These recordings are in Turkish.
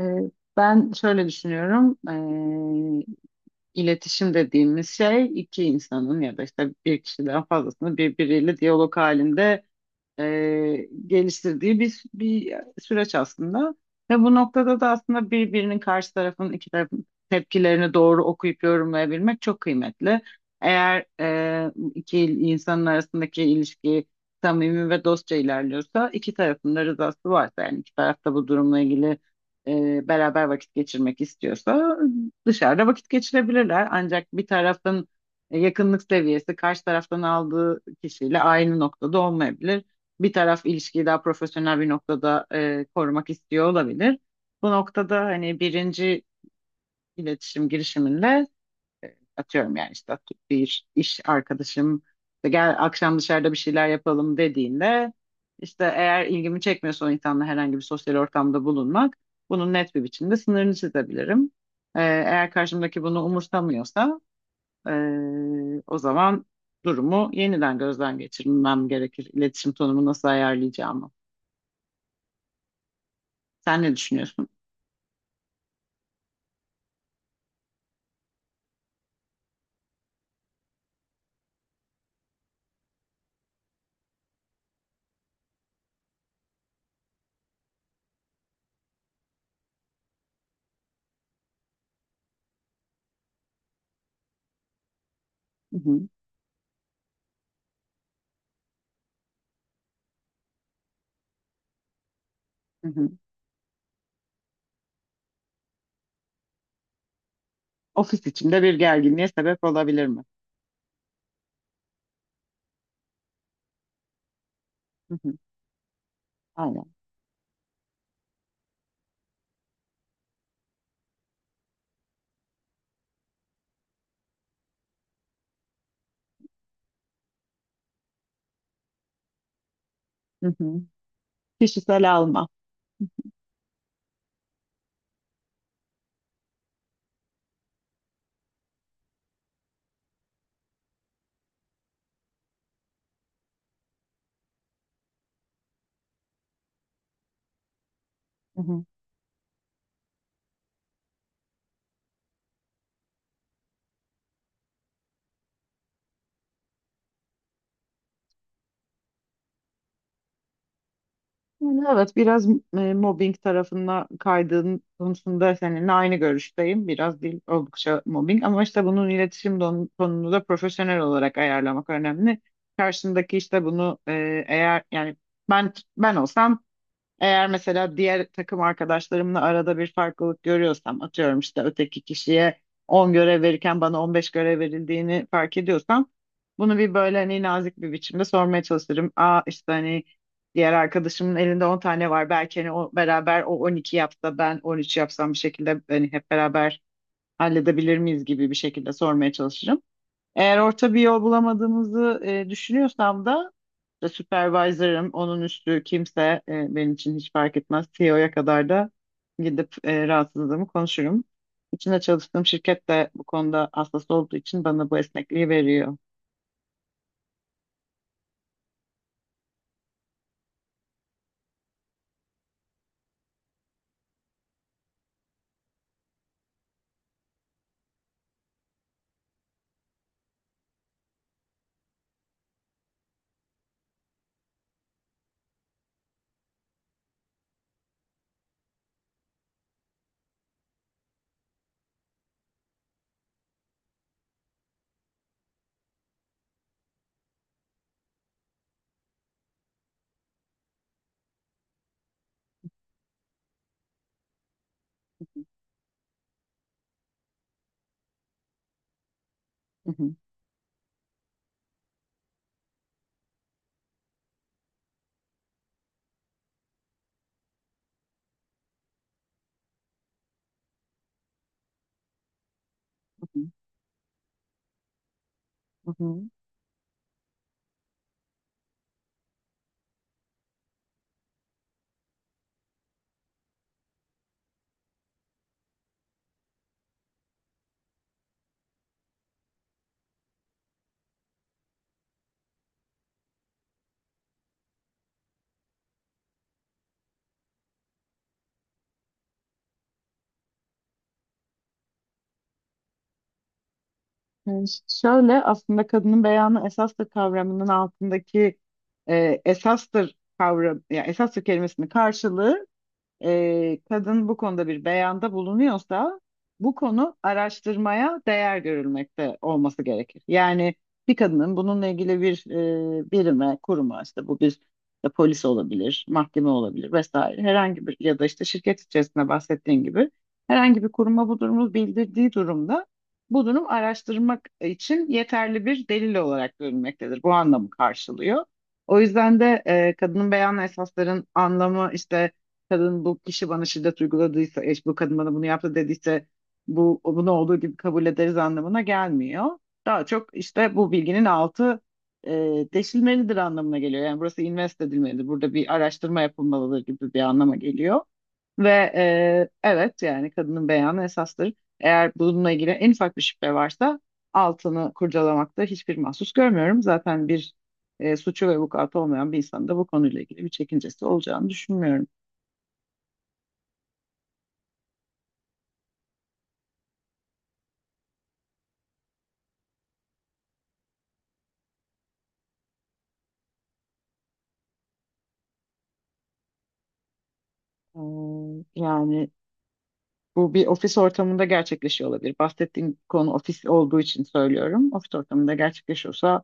Ee, Ben şöyle düşünüyorum. Ee, iletişim dediğimiz şey iki insanın ya da işte bir kişiden fazlasının birbiriyle diyalog halinde geliştirdiği bir süreç aslında. Ve bu noktada da aslında birbirinin karşı tarafın iki tarafın tepkilerini doğru okuyup yorumlayabilmek çok kıymetli. Eğer iki insanın arasındaki ilişki samimi ve dostça ilerliyorsa, iki tarafın da rızası varsa, yani iki taraf da bu durumla ilgili beraber vakit geçirmek istiyorsa dışarıda vakit geçirebilirler. Ancak bir tarafın yakınlık seviyesi karşı taraftan aldığı kişiyle aynı noktada olmayabilir, bir taraf ilişkiyi daha profesyonel bir noktada korumak istiyor olabilir. Bu noktada hani birinci iletişim girişiminle, atıyorum yani, işte bir iş arkadaşım işte gel akşam dışarıda bir şeyler yapalım dediğinde, işte eğer ilgimi çekmiyorsa o insanla herhangi bir sosyal ortamda bulunmak, bunun net bir biçimde sınırını çizebilirim. Eğer karşımdaki bunu umursamıyorsa, e, o zaman durumu yeniden gözden geçirmem gerekir. İletişim tonumu nasıl ayarlayacağımı. Sen ne düşünüyorsun? Hı hı, hı hı. Ofis içinde bir gerginliğe sebep olabilir mi? Hı hı, aynen. Hı hı. Kişisel alma. Hı hı. Yani evet, biraz mobbing tarafına kaydığın konusunda seninle aynı görüşteyim. Biraz değil, oldukça mobbing, ama işte bunun iletişim tonunu da profesyonel olarak ayarlamak önemli. Karşındaki işte bunu, eğer yani ben ben olsam, eğer mesela diğer takım arkadaşlarımla arada bir farklılık görüyorsam, atıyorum işte öteki kişiye 10 görev verirken bana 15 görev verildiğini fark ediyorsam, bunu bir böyle hani nazik bir biçimde sormaya çalışırım. Aa, işte hani diğer arkadaşımın elinde 10 tane var, belki hani o beraber o 12 yapsa ben 13 yapsam, bir şekilde hani hep beraber halledebilir miyiz gibi bir şekilde sormaya çalışırım. Eğer orta bir yol bulamadığımızı düşünüyorsam da, işte supervisor'ım, onun üstü kimse, benim için hiç fark etmez. CEO'ya kadar da gidip rahatsızlığımı konuşurum. İçinde çalıştığım şirket de bu konuda hassas olduğu için bana bu esnekliği veriyor. Hı hı, hı hı, hı hı. Yani şöyle, aslında kadının beyanı esastır kavramının altındaki esastır kavram, ya esastır kelimesinin karşılığı, kadın bu konuda bir beyanda bulunuyorsa bu konu araştırmaya değer görülmekte olması gerekir. Yani bir kadının bununla ilgili bir birime, kuruma, işte bu bir polis olabilir, mahkeme olabilir vesaire herhangi bir, ya da işte şirket içerisinde bahsettiğin gibi herhangi bir kuruma bu durumu bildirdiği durumda, bu durum araştırmak için yeterli bir delil olarak görülmektedir. Bu anlamı karşılıyor. O yüzden de kadının beyan esasların anlamı, işte kadın bu kişi bana şiddet uyguladıysa, eş bu kadın bana bunu yaptı dediyse, bu bunu olduğu gibi kabul ederiz anlamına gelmiyor. Daha çok işte bu bilginin altı e, deşilmelidir anlamına geliyor. Yani burası invest edilmelidir. Burada bir araştırma yapılmalıdır gibi bir anlama geliyor. Ve evet, yani kadının beyanı esastır. Eğer bununla ilgili en ufak bir şüphe varsa altını kurcalamakta hiçbir mahsus görmüyorum. Zaten bir suçu ve vukuatı olmayan bir insanın da bu konuyla ilgili bir çekincesi olacağını düşünmüyorum. Hmm, yani bu bir ofis ortamında gerçekleşiyor olabilir. Bahsettiğim konu ofis olduğu için söylüyorum. Ofis ortamında gerçekleşiyorsa,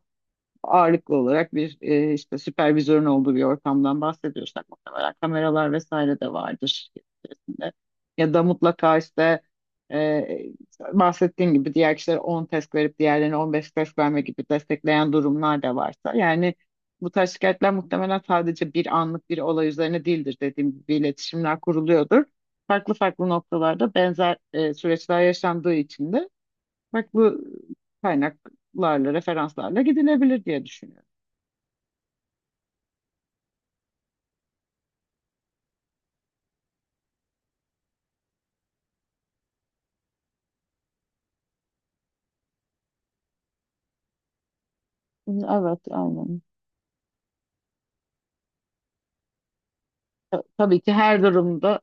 ağırlıklı olarak bir işte süpervizörün olduğu bir ortamdan bahsediyorsak, muhtemelen kameralar vesaire de vardır içinde. Ya da mutlaka işte, e, bahsettiğim gibi diğer kişilere 10 test verip diğerlerine 15 test verme gibi destekleyen durumlar da varsa. Yani bu tarz şikayetler muhtemelen sadece bir anlık bir olay üzerine değildir, dediğim gibi iletişimler kuruluyordur. Farklı farklı noktalarda benzer süreçler yaşandığı için de farklı kaynaklarla, referanslarla gidilebilir diye düşünüyorum. Evet, aynen. Tabii ki her durumda,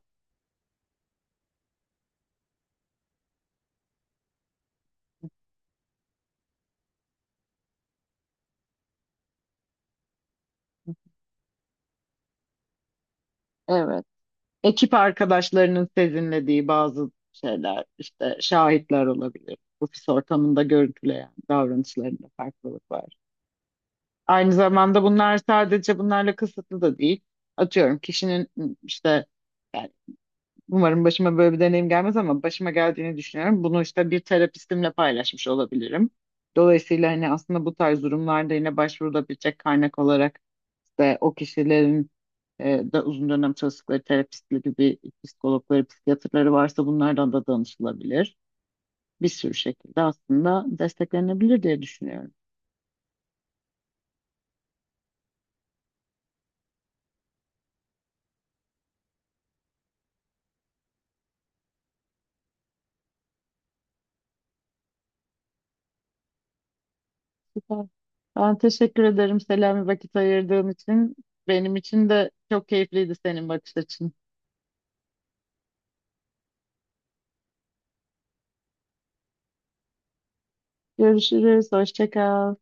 evet, ekip arkadaşlarının sezinlediği bazı şeyler, işte şahitler olabilir. Ofis ortamında görüntüleyen davranışlarında farklılık var. Aynı zamanda bunlar sadece bunlarla kısıtlı da değil. Atıyorum kişinin işte, e, umarım başıma böyle bir deneyim gelmez ama başıma geldiğini düşünüyorum. Bunu işte bir terapistimle paylaşmış olabilirim. Dolayısıyla hani aslında bu tarz durumlarda yine başvurulabilecek kaynak olarak işte o kişilerin da uzun dönem çalıştıkları terapistli gibi psikologları, psikiyatrları varsa bunlardan da danışılabilir. Bir sürü şekilde aslında desteklenebilir diye düşünüyorum. Süper. Ben teşekkür ederim Selami, vakit ayırdığın için. Benim için de çok keyifliydi senin bakış açın. Görüşürüz. Hoşça kal.